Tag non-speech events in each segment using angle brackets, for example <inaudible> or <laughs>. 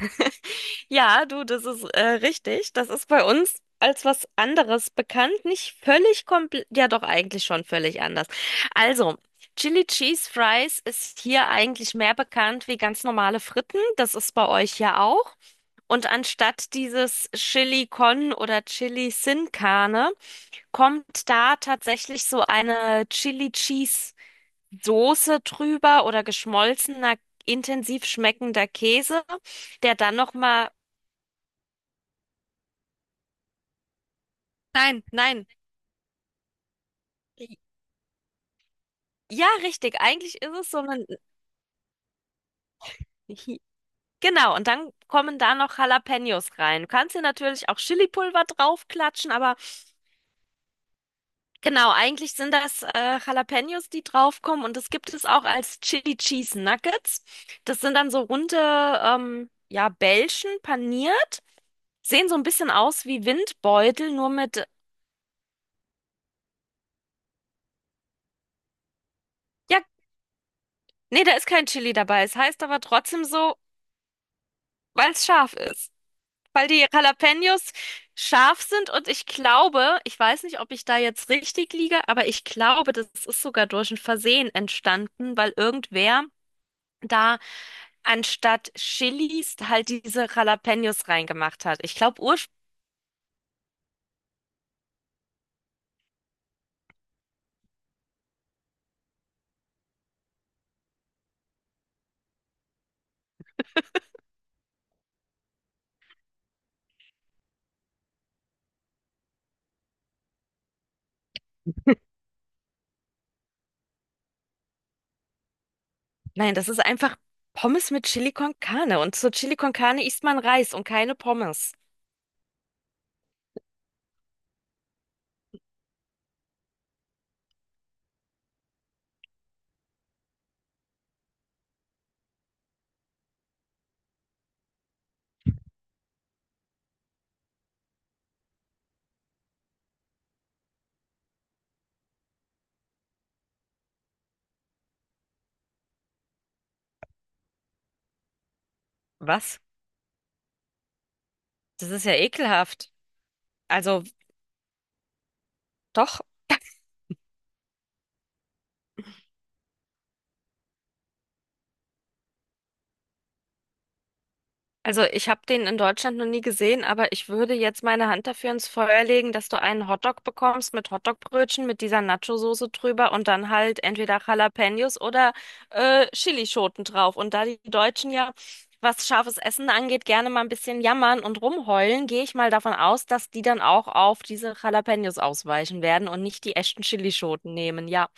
<laughs> Ja, du, das ist richtig. Das ist bei uns als was anderes bekannt. Nicht völlig komplett, ja doch eigentlich schon völlig anders. Also, Chili Cheese Fries ist hier eigentlich mehr bekannt wie ganz normale Fritten. Das ist bei euch ja auch. Und anstatt dieses Chili Con oder Chili Sin Carne kommt da tatsächlich so eine Chili Cheese Soße drüber oder geschmolzener, intensiv schmeckender Käse, der dann nochmal... Nein, nein. Ja, richtig. Eigentlich ist es so ein... hi- Genau, und dann kommen da noch Jalapenos rein. Du kannst hier natürlich auch Chilipulver draufklatschen, aber genau, eigentlich sind das Jalapenos, die draufkommen. Und das gibt es auch als Chili Cheese Nuggets. Das sind dann so runde, ja, Bällchen paniert. Sehen so ein bisschen aus wie Windbeutel, nur mit... Ja, nee, da ist kein Chili dabei. Es heißt aber trotzdem so, weil es scharf ist. Weil die Jalapenos scharf sind, und ich glaube, ich weiß nicht, ob ich da jetzt richtig liege, aber ich glaube, das ist sogar durch ein Versehen entstanden, weil irgendwer da anstatt Chilis halt diese Jalapenos reingemacht hat. Ich glaube, ursprünglich, nein, das ist einfach Pommes mit Chili con Carne, und zur Chili con Carne isst man Reis und keine Pommes. Was? Das ist ja ekelhaft. Also doch. Also ich habe den in Deutschland noch nie gesehen, aber ich würde jetzt meine Hand dafür ins Feuer legen, dass du einen Hotdog bekommst mit Hotdogbrötchen, mit dieser Nacho-Soße drüber und dann halt entweder Jalapenos oder Chilischoten drauf. Und da die Deutschen ja, was scharfes Essen angeht, gerne mal ein bisschen jammern und rumheulen, gehe ich mal davon aus, dass die dann auch auf diese Jalapenos ausweichen werden und nicht die echten Chilischoten nehmen. Ja,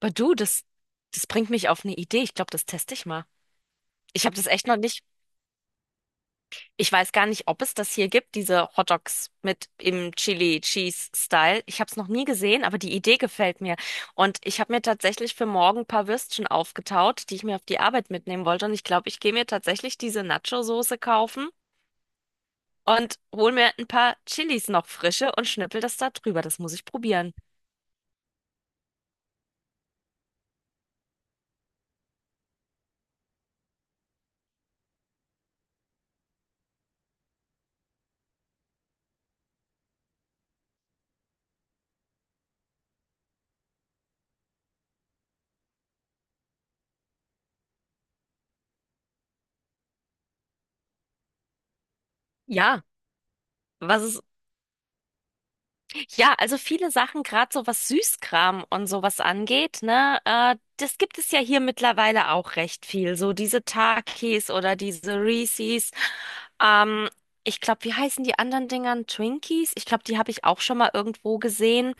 aber du, das bringt mich auf eine Idee. Ich glaube, das teste ich mal. Ich habe das echt noch nicht. Ich weiß gar nicht, ob es das hier gibt, diese Hot Dogs mit im Chili Cheese Style. Ich habe es noch nie gesehen, aber die Idee gefällt mir. Und ich habe mir tatsächlich für morgen ein paar Würstchen aufgetaut, die ich mir auf die Arbeit mitnehmen wollte. Und ich glaube, ich gehe mir tatsächlich diese Nacho-Soße kaufen und hol mir ein paar Chilis noch frische und schnippel das da drüber. Das muss ich probieren. Ja, was ist, ja, also viele Sachen, gerade so was Süßkram und sowas angeht, ne, das gibt es ja hier mittlerweile auch recht viel. So diese Takis oder diese Reese's. Ähm, ich glaube, wie heißen die anderen Dingern? Twinkies? Ich glaube, die habe ich auch schon mal irgendwo gesehen.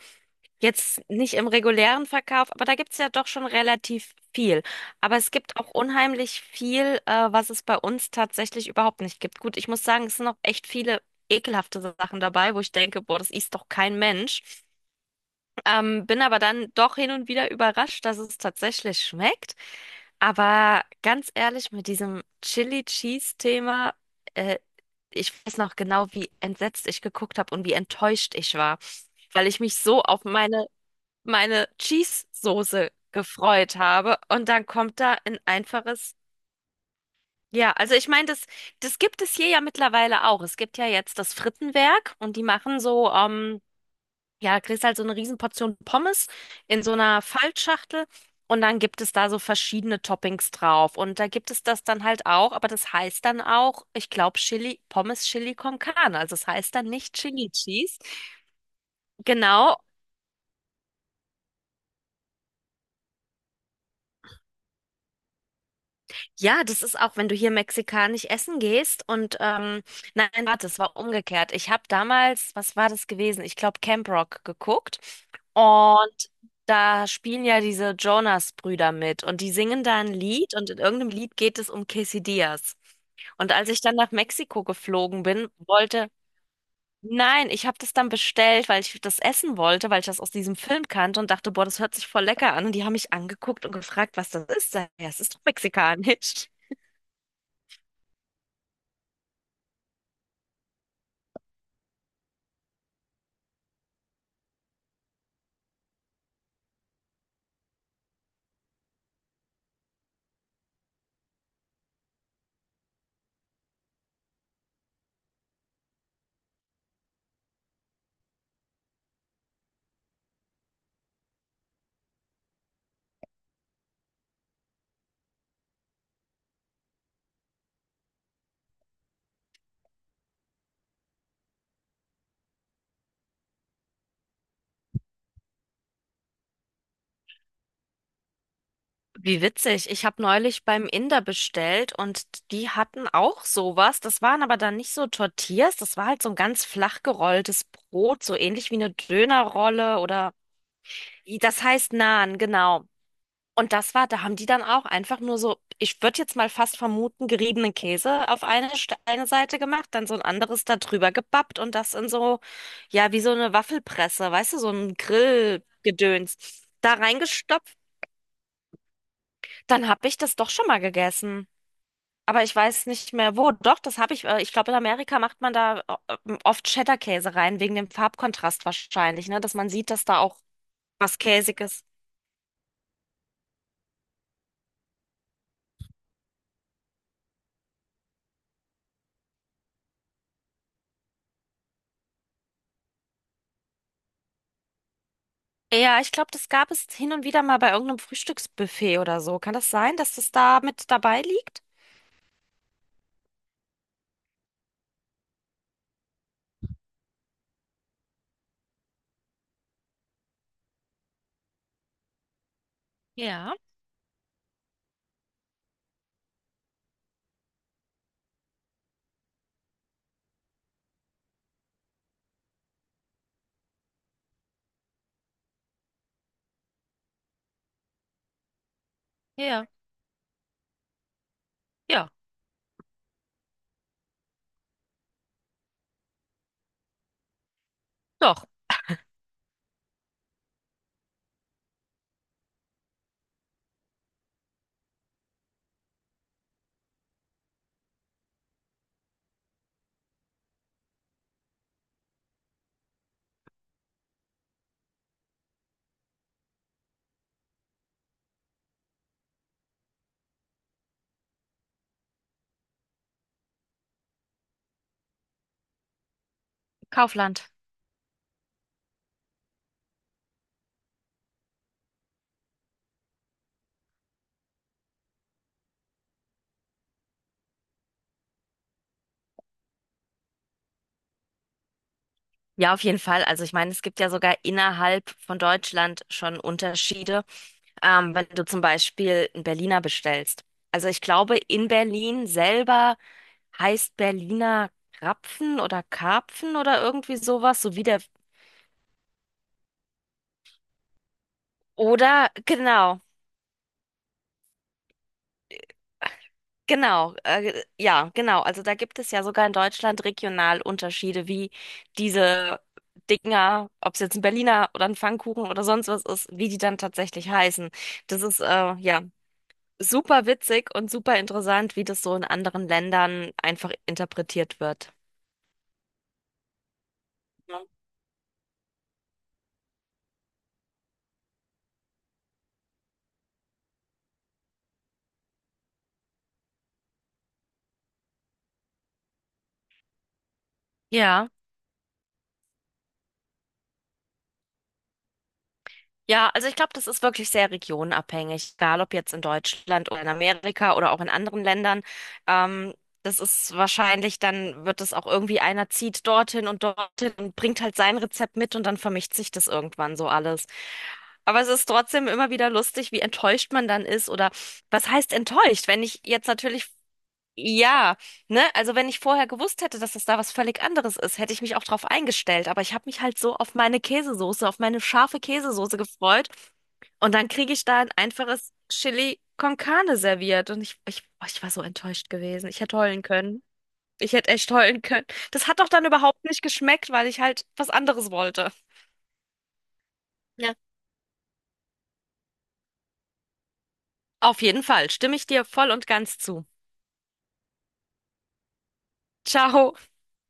Jetzt nicht im regulären Verkauf, aber da gibt's ja doch schon relativ viel. Aber es gibt auch unheimlich viel, was es bei uns tatsächlich überhaupt nicht gibt. Gut, ich muss sagen, es sind noch echt viele ekelhafte Sachen dabei, wo ich denke, boah, das isst doch kein Mensch. Bin aber dann doch hin und wieder überrascht, dass es tatsächlich schmeckt. Aber ganz ehrlich, mit diesem Chili-Cheese-Thema, äh, ich weiß noch genau, wie entsetzt ich geguckt habe und wie enttäuscht ich war, weil ich mich so auf meine Cheese-Soße gefreut habe. Und dann kommt da ein einfaches. Ja, also ich meine, das gibt es hier ja mittlerweile auch. Es gibt ja jetzt das Frittenwerk, und die machen so, ja, kriegst halt so eine Riesenportion Pommes in so einer Faltschachtel. Und dann gibt es da so verschiedene Toppings drauf. Und da gibt es das dann halt auch, aber das heißt dann auch, ich glaube, Chili, Pommes Chili con Carne. Also es heißt dann nicht Chili Cheese. Genau, ja, das ist auch, wenn du hier mexikanisch essen gehst und nein, warte, es war umgekehrt. Ich habe damals, was war das gewesen? Ich glaube Camp Rock geguckt, und da spielen ja diese Jonas-Brüder mit, und die singen da ein Lied, und in irgendeinem Lied geht es um Quesadillas. Und als ich dann nach Mexiko geflogen bin, wollte... Nein, ich habe das dann bestellt, weil ich das essen wollte, weil ich das aus diesem Film kannte und dachte, boah, das hört sich voll lecker an. Und die haben mich angeguckt und gefragt, was das ist. Sag ich, ja, es ist doch mexikanisch. Wie witzig. Ich habe neulich beim Inder bestellt, und die hatten auch sowas. Das waren aber dann nicht so Tortillas, das war halt so ein ganz flach gerolltes Brot, so ähnlich wie eine Dönerrolle oder... Das heißt Naan, genau. Und das war, da haben die dann auch einfach nur so, ich würde jetzt mal fast vermuten, geriebenen Käse auf eine Seite gemacht, dann so ein anderes da drüber gebappt und das in so, ja, wie so eine Waffelpresse, weißt du, so ein Grillgedöns, da reingestopft. Dann habe ich das doch schon mal gegessen. Aber ich weiß nicht mehr wo. Doch, das habe ich. Ich glaube, in Amerika macht man da oft Cheddar-Käse rein, wegen dem Farbkontrast wahrscheinlich, ne? Dass man sieht, dass da auch was Käsiges. Ja, ich glaube, das gab es hin und wieder mal bei irgendeinem Frühstücksbuffet oder so. Kann das sein, dass das da mit dabei liegt? Ja, ja, ja, doch. Kaufland. Ja, auf jeden Fall. Also ich meine, es gibt ja sogar innerhalb von Deutschland schon Unterschiede. Wenn du zum Beispiel einen Berliner bestellst. Also ich glaube, in Berlin selber heißt Berliner Krapfen oder Karpfen oder irgendwie sowas, so wie der. Oder genau, genau, ja, genau. Also da gibt es ja sogar in Deutschland regional Unterschiede, wie diese Dinger, ob es jetzt ein Berliner oder ein Pfannkuchen oder sonst was ist, wie die dann tatsächlich heißen. Das ist ja super witzig und super interessant, wie das so in anderen Ländern einfach interpretiert wird. Ja, ja, also ich glaube, das ist wirklich sehr regionabhängig, egal ob jetzt in Deutschland oder in Amerika oder auch in anderen Ländern. Ähm, das ist wahrscheinlich, dann wird es auch irgendwie einer zieht dorthin und dorthin und bringt halt sein Rezept mit, und dann vermischt sich das irgendwann so alles. Aber es ist trotzdem immer wieder lustig, wie enttäuscht man dann ist oder was heißt enttäuscht? Wenn ich jetzt natürlich... Ja, ne, also wenn ich vorher gewusst hätte, dass das da was völlig anderes ist, hätte ich mich auch drauf eingestellt. Aber ich habe mich halt so auf meine Käsesoße, auf meine scharfe Käsesoße gefreut. Und dann kriege ich da ein einfaches Chili con Carne serviert. Und oh, ich war so enttäuscht gewesen. Ich hätte heulen können. Ich hätte echt heulen können. Das hat doch dann überhaupt nicht geschmeckt, weil ich halt was anderes wollte. Ja. Auf jeden Fall stimme ich dir voll und ganz zu. Ciao.